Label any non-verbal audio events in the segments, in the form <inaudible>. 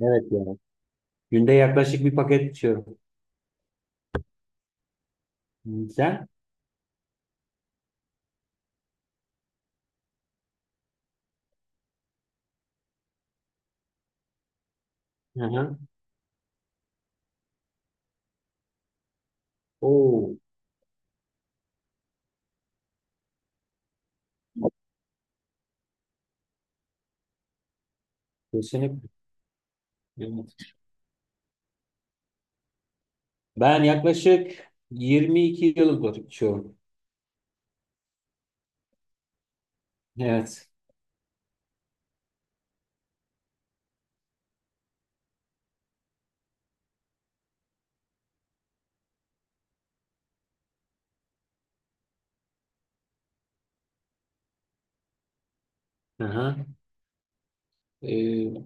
Evet ya. Günde yaklaşık bir paket içiyorum. Sen? Hı hı. Oo, kesinlikle. Evet. Ben yaklaşık 22 yıldır içiyorum. Evet. Hı hı. Ee,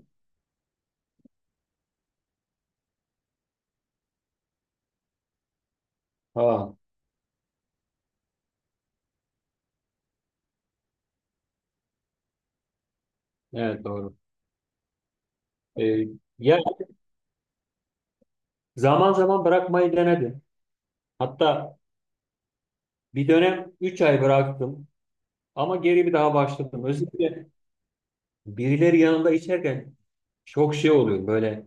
ha, evet, doğru. Ee, ya, zaman zaman bırakmayı denedim. Hatta bir dönem 3 ay bıraktım ama geri bir daha başladım. Özellikle birileri yanında içerken çok şey oluyor böyle.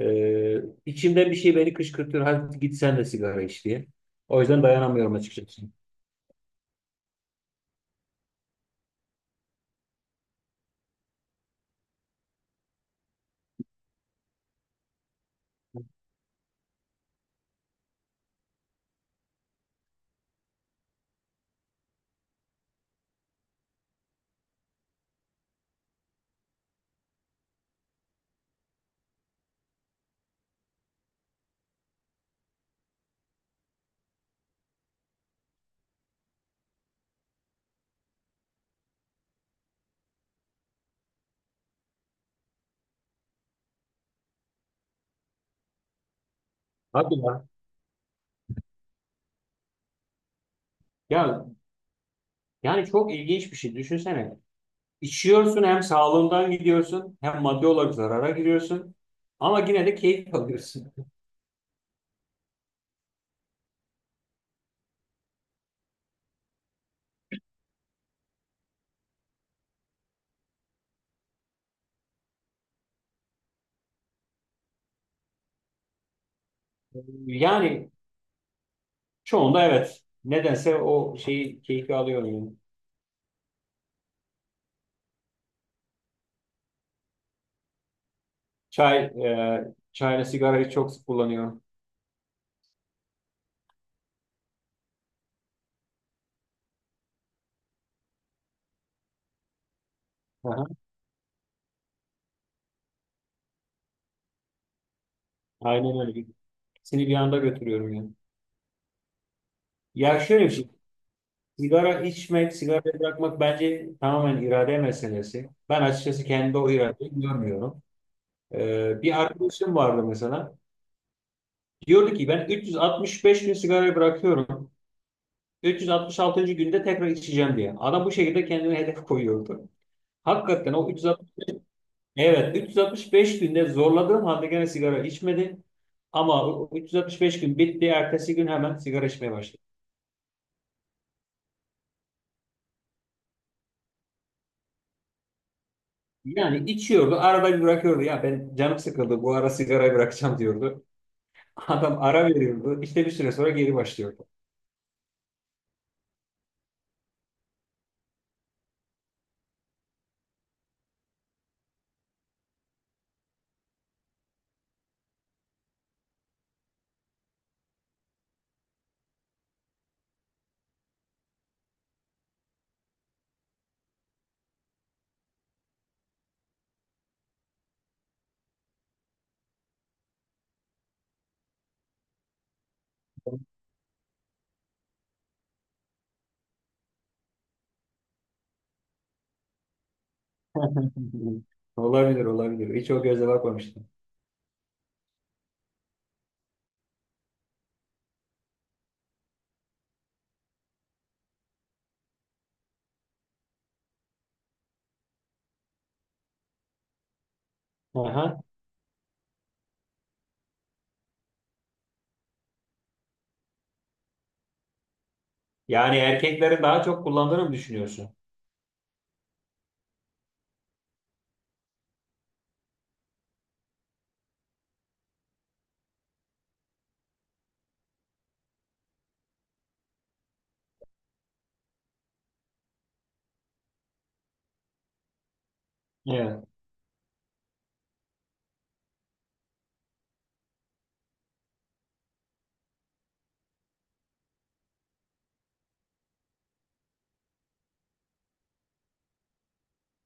Ee, içimden bir şey beni kışkırtıyor. Hadi git sen de sigara iç diye. O yüzden dayanamıyorum açıkçası. Hadi ya. Ya yani çok ilginç bir şey. Düşünsene. İçiyorsun, hem sağlığından gidiyorsun hem maddi olarak zarara giriyorsun. Ama yine de keyif alıyorsun. Yani çoğunda evet. Nedense o şeyi keyfi alıyorum, yani. Çay, çayla sigarayı çok sık kullanıyorum. Aha, aynen öyle. İkisini bir anda götürüyorum yani. Ya şöyle bir şey. Sigara içmek, sigarayı bırakmak bence tamamen irade meselesi. Ben açıkçası kendi o iradeyi görmüyorum. Bir arkadaşım vardı mesela. Diyordu ki ben 365 gün sigarayı bırakıyorum. 366. günde tekrar içeceğim diye. Adam bu şekilde kendine hedef koyuyordu. Hakikaten o 360, evet 365 günde zorladığım halde gene sigara içmedi. Ama o 365 gün bitti. Ertesi gün hemen sigara içmeye başladı. Yani içiyordu, arada bir bırakıyordu. Ya, ben canım sıkıldı, bu ara sigarayı bırakacağım diyordu. Adam ara veriyordu. İşte bir süre sonra geri başlıyordu. <laughs> Olabilir, olabilir. Hiç o gözle bakmamıştım. Aha. Yani erkeklerin daha çok kullandığını mı düşünüyorsun? Evet.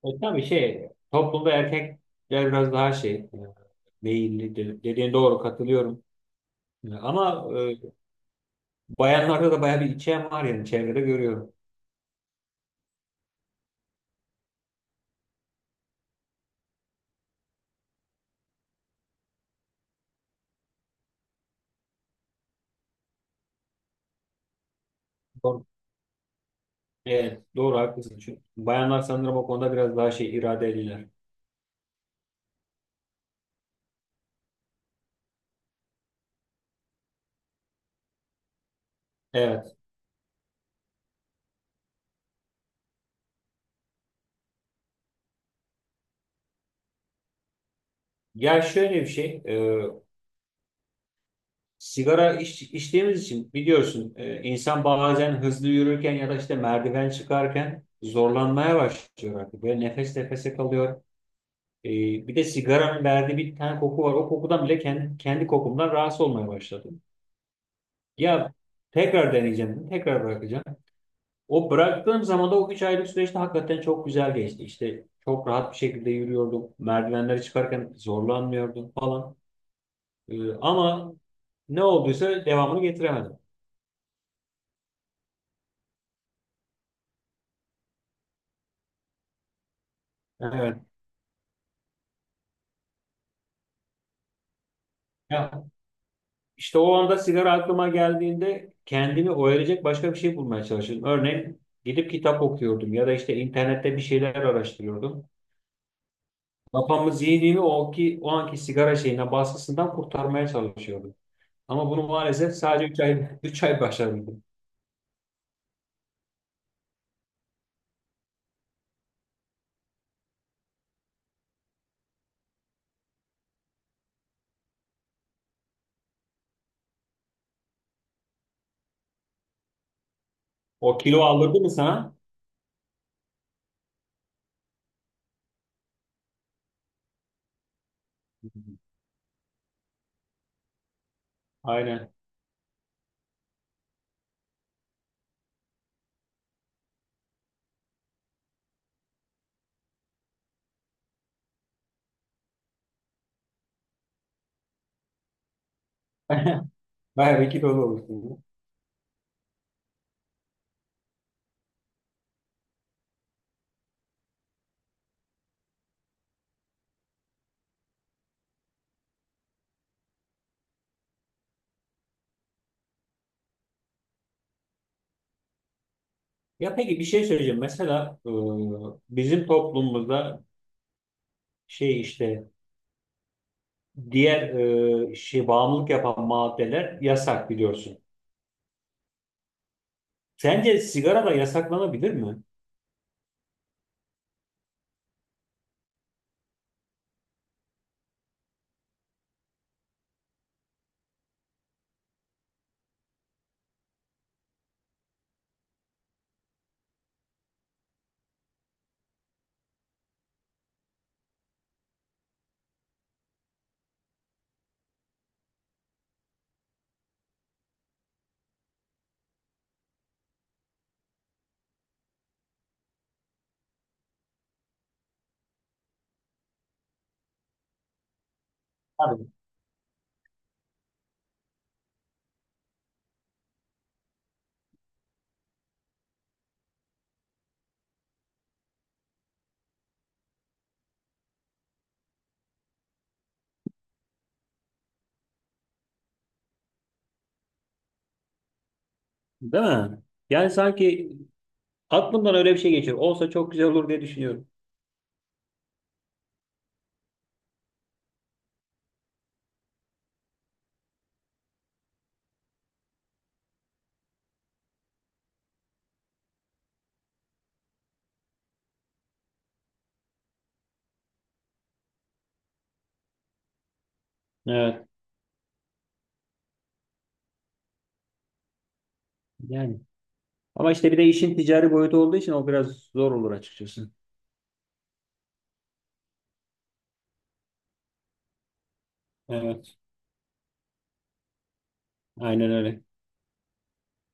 Tabii şey, toplumda erkekler biraz daha şey, meyilli dediğin doğru, katılıyorum. Ama bayanlarda da bayağı bir içe var, yani çevrede görüyorum. Doğru. Evet, doğru, haklısın. Çünkü bayanlar sanırım o konuda biraz daha şey, iradeliler. Evet. Ya şöyle bir şey. E, Sigara iç, içtiğimiz için biliyorsun. E, insan bazen hızlı yürürken ya da işte merdiven çıkarken zorlanmaya başlıyor artık. Böyle nefes nefese kalıyor. E, bir de sigaranın verdiği bir tane koku var. O kokudan bile kendi kokumdan rahatsız olmaya başladım. Ya tekrar deneyeceğim, tekrar bırakacağım. O bıraktığım zaman da o 3 aylık süreçte hakikaten çok güzel geçti. İşte çok rahat bir şekilde yürüyordum. Merdivenleri çıkarken zorlanmıyordum falan. Ama ne olduysa devamını getiremedim. Evet. Ya. İşte o anda sigara aklıma geldiğinde kendimi oyalayacak başka bir şey bulmaya çalışırdım. Örneğin gidip kitap okuyordum ya da işte internette bir şeyler araştırıyordum. Kafamı, zihnimi o anki sigara şeyine baskısından kurtarmaya çalışıyordum. Ama bunu maalesef sadece 3 ay <laughs> 3 ay başaramadım. O kilo aldırdı mı sana? Aynen. <laughs> Bayağı bir kilolu olursun. Ya peki bir şey söyleyeceğim. Mesela, bizim toplumumuzda şey, işte diğer şey bağımlılık yapan maddeler yasak, biliyorsun. Sence sigara da yasaklanabilir mi? Tabii. Değil mi? Yani sanki aklımdan öyle bir şey geçiyor. Olsa çok güzel olur diye düşünüyorum. Evet. Yani. Ama işte bir de işin ticari boyutu olduğu için o biraz zor olur açıkçası. Evet. Aynen öyle.